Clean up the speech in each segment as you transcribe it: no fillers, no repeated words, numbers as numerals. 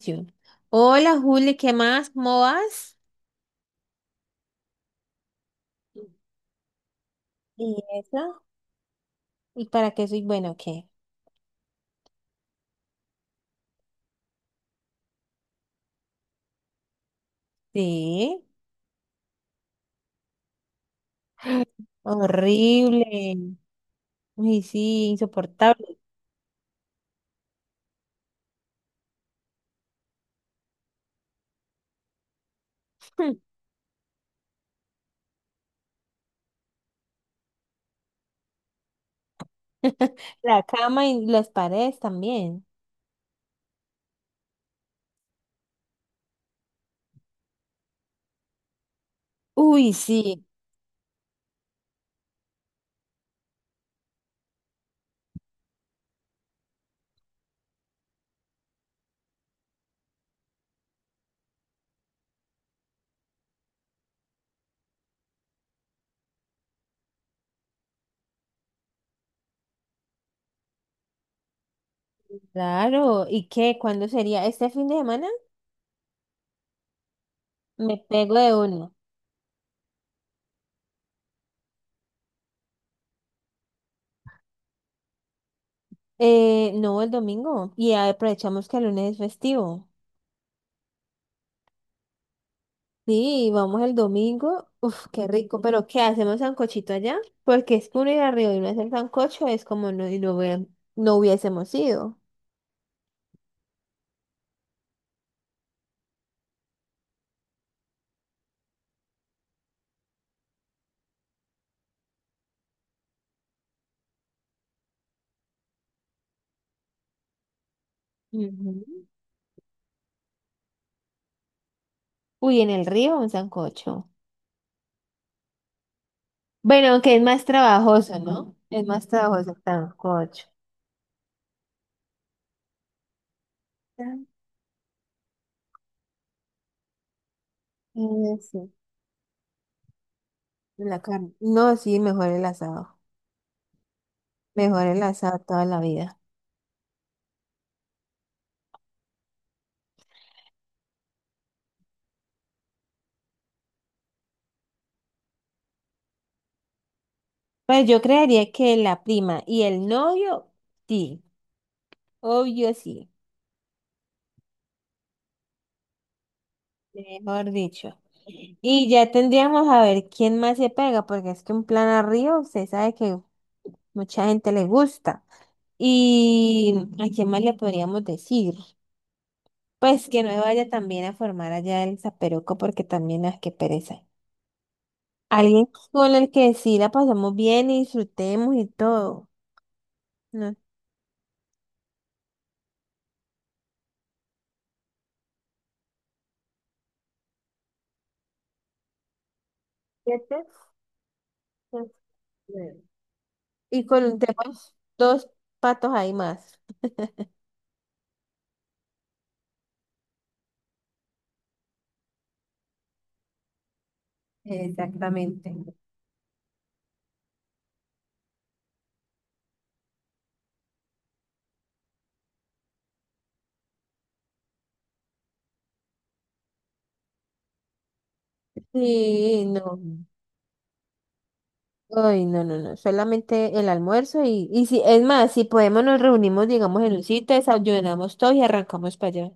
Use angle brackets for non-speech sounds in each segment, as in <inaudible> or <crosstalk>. Yo. Hola Juli, ¿qué más? ¿Cómo vas? ¿Y eso? ¿Y para qué soy bueno o qué? Sí, horrible. Uy, sí, insoportable. <laughs> La cama y las paredes también. Uy, sí, claro. ¿Y qué? ¿Cuándo sería? ¿Este fin de semana? Me pego de uno. No, el domingo. Y aprovechamos que el lunes es festivo. Sí, vamos el domingo. Uf, qué rico. Pero ¿qué hacemos sancochito allá? Porque es que uno ir arriba y no hacer sancocho es como no, y no, no hubiésemos ido. Ujú. Uy, en el río un sancocho. Bueno, aunque es más trabajoso, ¿no? Es más trabajoso el sancocho. Tan- sí, la carne. No, sí, mejor el asado. Mejor el asado toda la vida. Pues yo creería que la prima y el novio, sí. Obvio, sí. Mejor dicho. Y ya tendríamos a ver quién más se pega, porque es que un plan a Río se sabe que mucha gente le gusta. ¿Y a quién más le podríamos decir? Pues que no vaya también a formar allá el zaperoco, porque también las que pereza. Alguien con el que sí la pasamos bien y disfrutemos y todo. ¿No? ¿Cierto? Y con tenemos dos patos ahí más. Exactamente. Sí, no. Ay, no, no, no, solamente el almuerzo y si, es más, si podemos nos reunimos, digamos, en un sitio, desayunamos todos y arrancamos para allá.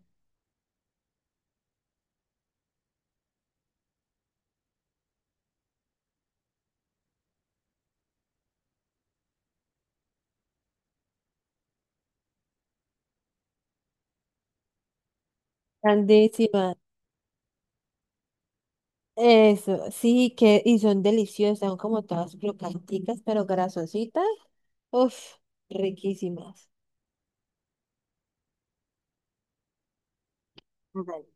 Grandísima. Eso, sí, que, y son deliciosas, son como todas crocanticas, pero grasositas. Uf, riquísimas. Dale.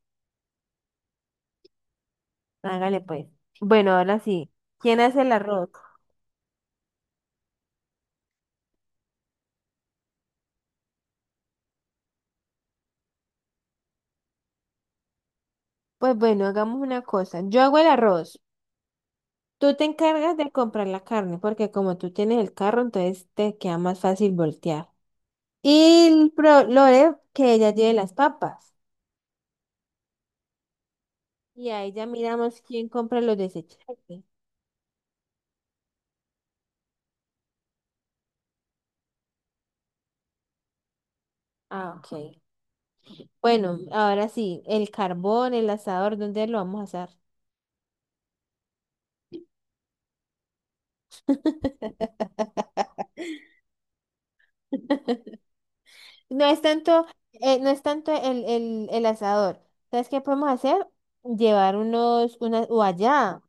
Hágale pues. Bueno, ahora sí. ¿Quién hace el arroz? Pues bueno, hagamos una cosa. Yo hago el arroz. Tú te encargas de comprar la carne, porque como tú tienes el carro, entonces te queda más fácil voltear. Y el Lore, que ella lleve las papas. Y ahí ya miramos quién compra los desechables. Ah, ok. Bueno, ahora sí, el carbón, el asador, ¿dónde lo vamos a asar? <laughs> No es tanto, no es tanto el asador. ¿Sabes qué podemos hacer? Llevar unos, unas, o allá.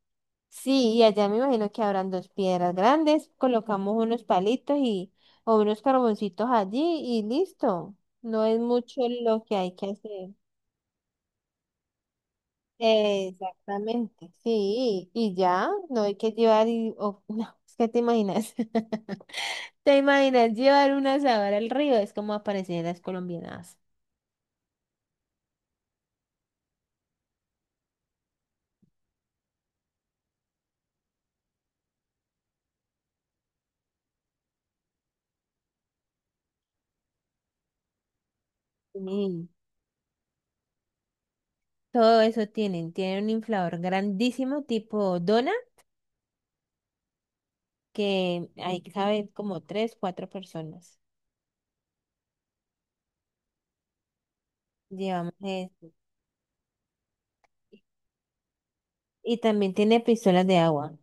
Sí, y allá me imagino que habrán dos piedras grandes, colocamos unos palitos y o unos carboncitos allí y listo. No es mucho lo que hay que hacer. Exactamente, sí, y ya, no hay que llevar y, o- <laughs> no, es que te imaginas, <laughs> te imaginas llevar un asador al río, es como aparecen en las colombianas. Sí. Todo eso tienen, tienen un inflador grandísimo tipo dona que ahí caben como tres, cuatro personas. Llevamos eso. Y también tiene pistolas de agua.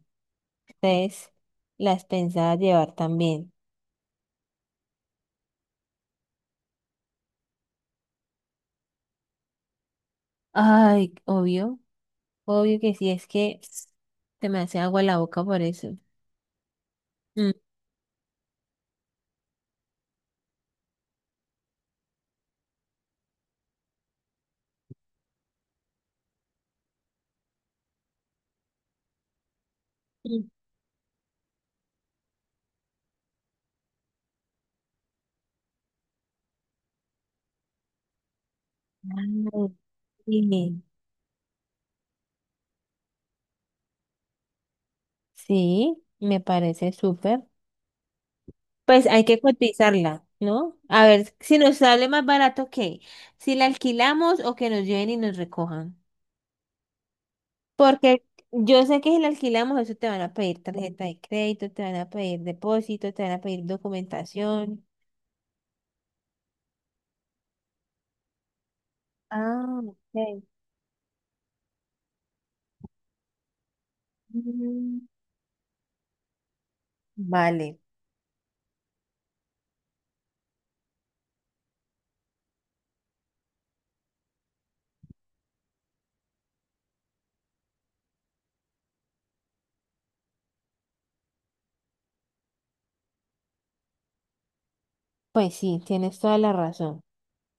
Entonces, las pensaba llevar también. Ay, obvio. Obvio que sí, es que se me hace agua la boca por eso. Mm. Sí. Ay, sí, sí, me parece súper. Pues hay que cotizarla, ¿no? A ver si nos sale más barato que si la alquilamos o que nos lleven y nos recojan. Porque yo sé que si la alquilamos, eso te van a pedir tarjeta de crédito, te van a pedir depósito, te van a pedir documentación. Ah, ok. Mm, vale, pues sí, tienes toda la razón.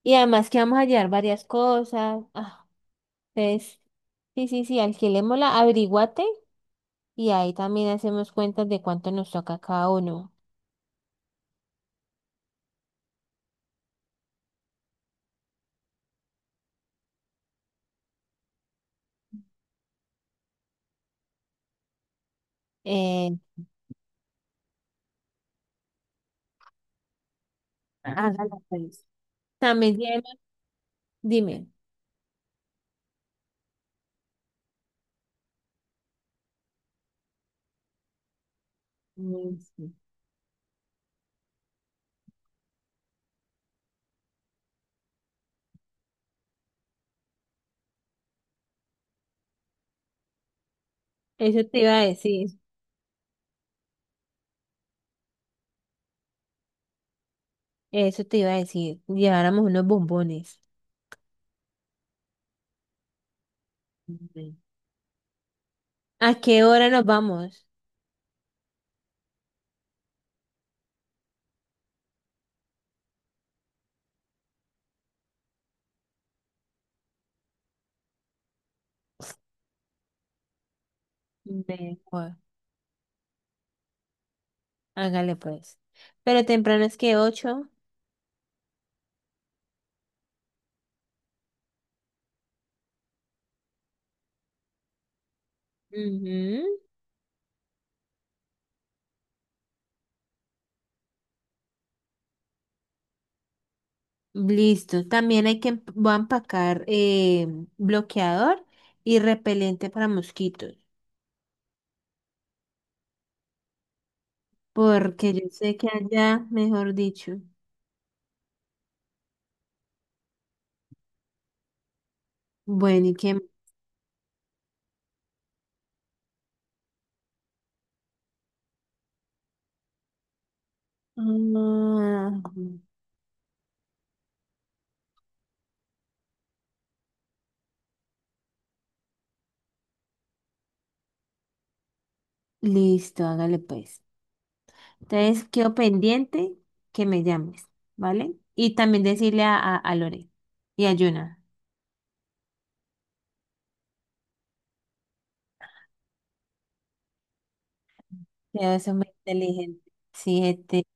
Y además que vamos a llevar varias cosas. Ah, entonces, sí, sí, sí, alquilémosla, averiguate y ahí también hacemos cuentas de cuánto nos toca cada uno. Eh, Ah, hágalo, pues. También lleva- Dime, mm, sí. Eso te iba a decir, eso te iba a decir, lleváramos unos bombones. Ve, ¿a qué hora nos vamos? Ve. Hágale pues. Pero temprano es que 8, ujú. Listo. También hay que voy a empacar bloqueador y repelente para mosquitos. Porque yo sé que allá, mejor dicho. Bueno, ¿y qué más? Ah, listo, hágale pues. Entonces, quedo pendiente que me llames, ¿vale? Y también decirle a Lore y a Yuna. Que eso es muy inteligente. Sí, este,